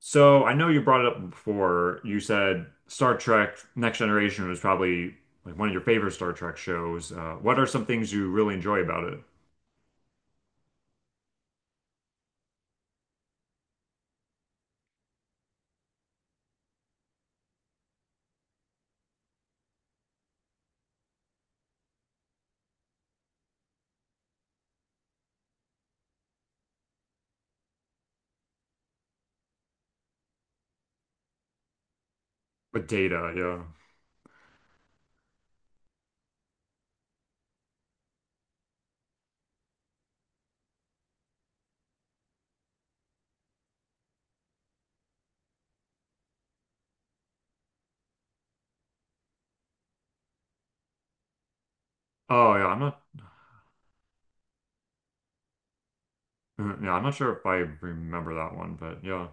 So I know you brought it up before. You said Star Trek Next Generation was probably like one of your favorite Star Trek shows. What are some things you really enjoy about it? With Data, yeah. Oh yeah, I'm not. Yeah, I'm not sure if I remember that one, but yeah,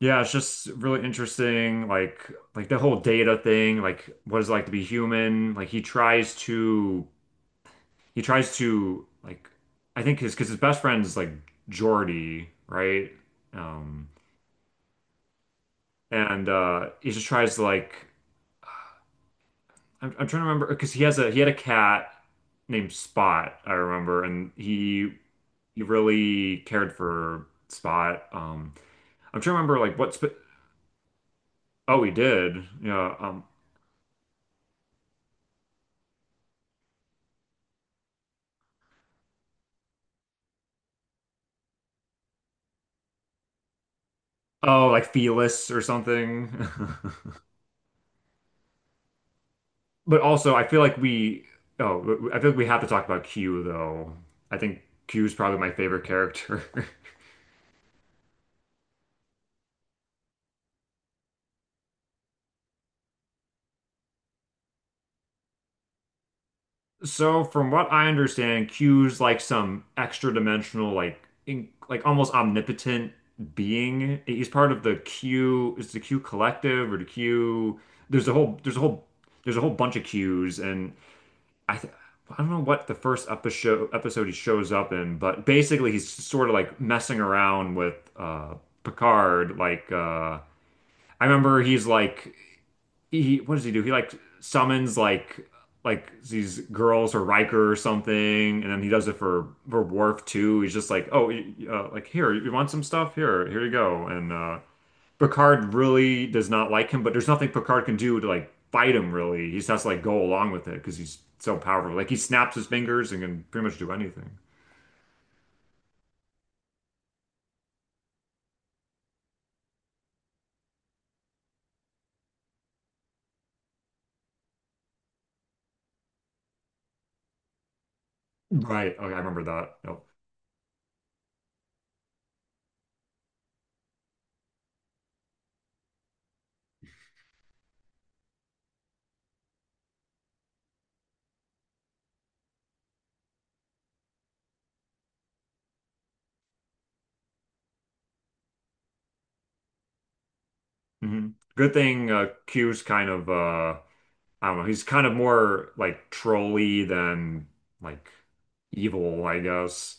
yeah. It's just really interesting, like the whole Data thing, like what it's like to be human. Like he tries to like I think his because his best friend is like Geordi, right? Um, and he just tries to like I'm trying to remember because he has a he had a cat named Spot I remember and he really cared for Spot I'm trying to remember like what sp oh he did yeah um oh like Felis or something but also I feel like we oh I feel like we have to talk about Q though I think Q is probably my favorite character So from what I understand, Q's like some extra dimensional, like almost omnipotent being. He's part of the Q, is the Q collective or the Q? There's a whole there's a whole bunch of Q's, and I, th I don't know what the first episode he shows up in, but basically he's sort of like messing around with Picard, like I remember he's like he what does he do? He like summons like these girls or Riker or something, and then he does it for Worf too. He's just like, oh, like here, you want some stuff? Here, here you go. And Picard really does not like him, but there's nothing Picard can do to like fight him. Really, he just has to like go along with it because he's so powerful. Like he snaps his fingers and can pretty much do anything. Right. Okay, I remember that. Yep. Hmm. Good thing Q's kind of I don't know. He's kind of more like trolly than like evil, I guess.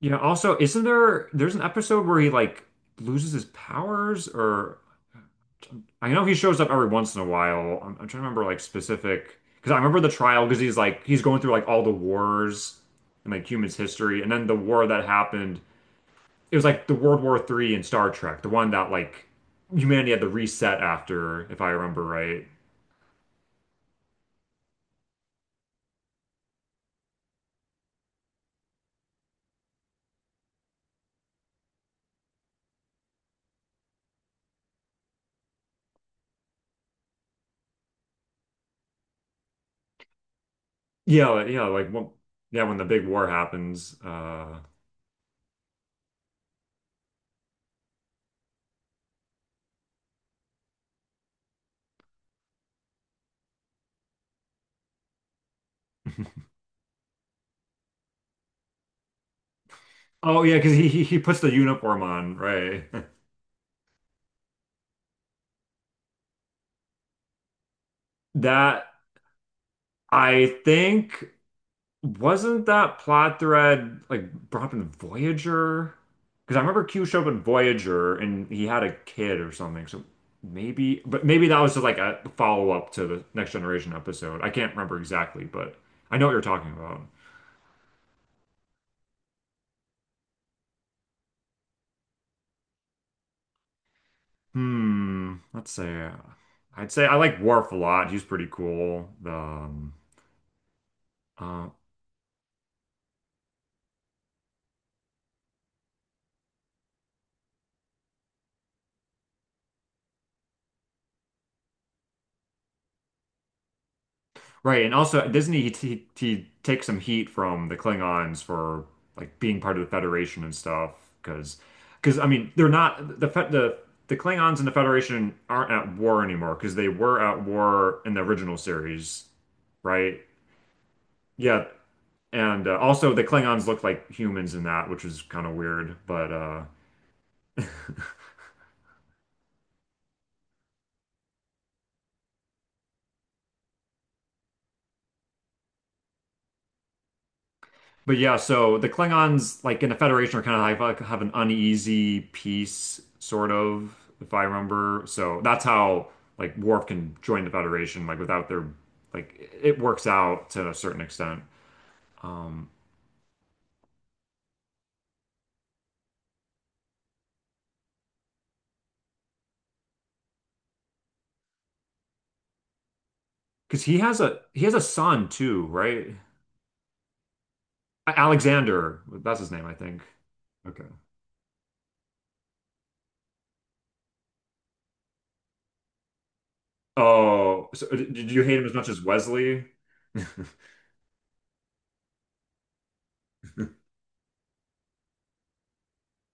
You know, also, isn't there there's an episode where he like loses his powers or I know he shows up every once in a while. I'm trying to remember like specific because I remember the trial because he's going through like all the wars in like humans history and then the war that happened, it was like the World War Three in Star Trek, the one that like humanity had to reset after, if I remember right. Well, yeah, when the big war happens. Oh yeah, because he puts the uniform on, right? That I think, wasn't that plot thread like brought up in Voyager? Because I remember Q showed up in Voyager and he had a kid or something. So maybe, but maybe that was just like a follow-up to the Next Generation episode. I can't remember exactly, but I know what you're talking about. Hmm. Let's say I'd say I like Worf a lot. He's pretty cool. The uh, right, and also at Disney he takes some heat from the Klingons for like being part of the Federation and stuff because because I mean they're not the the Klingons and the Federation aren't at war anymore because they were at war in the original series, right? Yeah, and also the Klingons look like humans in that, which is kind of weird, but yeah, so the Klingons, like in the Federation, are kind of like have an uneasy peace, sort of, if I remember. So that's how like Worf can join the Federation, like without their, like it works out to a certain extent. Um, because he has a son too, right? Alexander, that's his name, I think. Okay. Oh, so did you hate him as much as Wesley?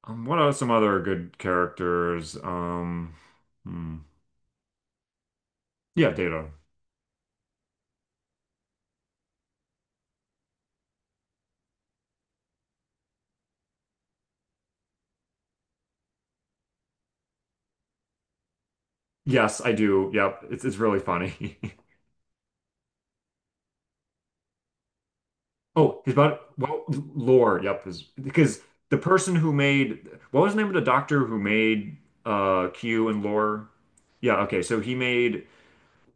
What are some other good characters? Hmm. Yeah, Data. Yes, I do. Yep. It's really funny. Oh, he's about well lore, yep, is because the person who made, what was the name of the doctor who made Q and lore? Yeah, okay. So he made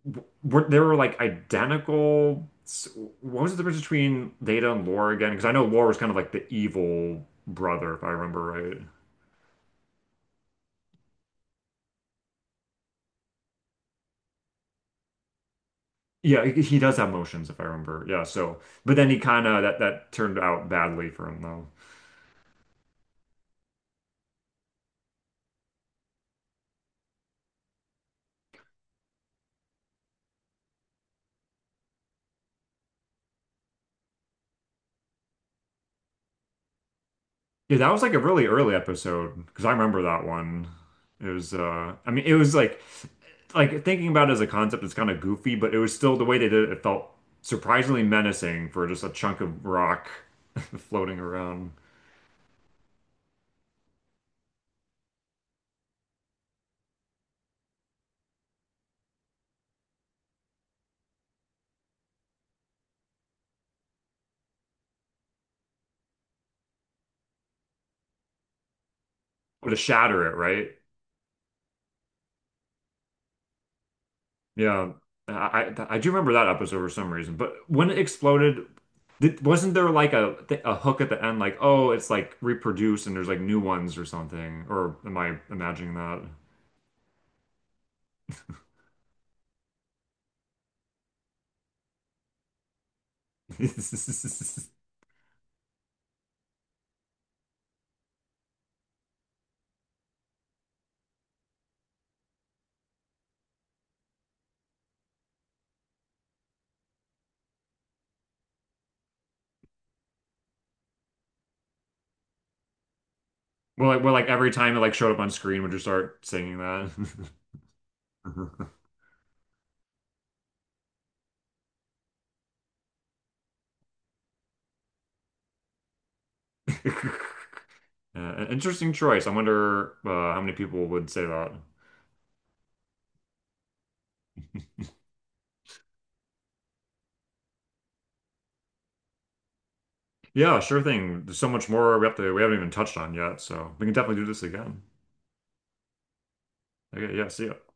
were they were like what was the difference between Data and lore again? Because I know lore was kind of like the evil brother, if I remember right. Yeah, he does have motions, if I remember. Yeah, so but then he kind of that that turned out badly for him though. Yeah, that was like a really early episode because I remember that one. It was I mean it was like thinking about it as a concept it's kind of goofy, but it was still the way they did it, it felt surprisingly menacing for just a chunk of rock floating around. Or to shatter it, right? Yeah. I do remember that episode for some reason. But when it exploded, did, wasn't there like a th a hook at the end like, "Oh, it's like reproduced and there's like new ones or something?" Or am I imagining that? Well, like every time it like showed up on screen, would you start singing that? An interesting choice. I wonder how many people would say that. Yeah, sure thing. There's so much more we have to we haven't even touched on yet, so we can definitely do this again. Okay, yeah, see ya.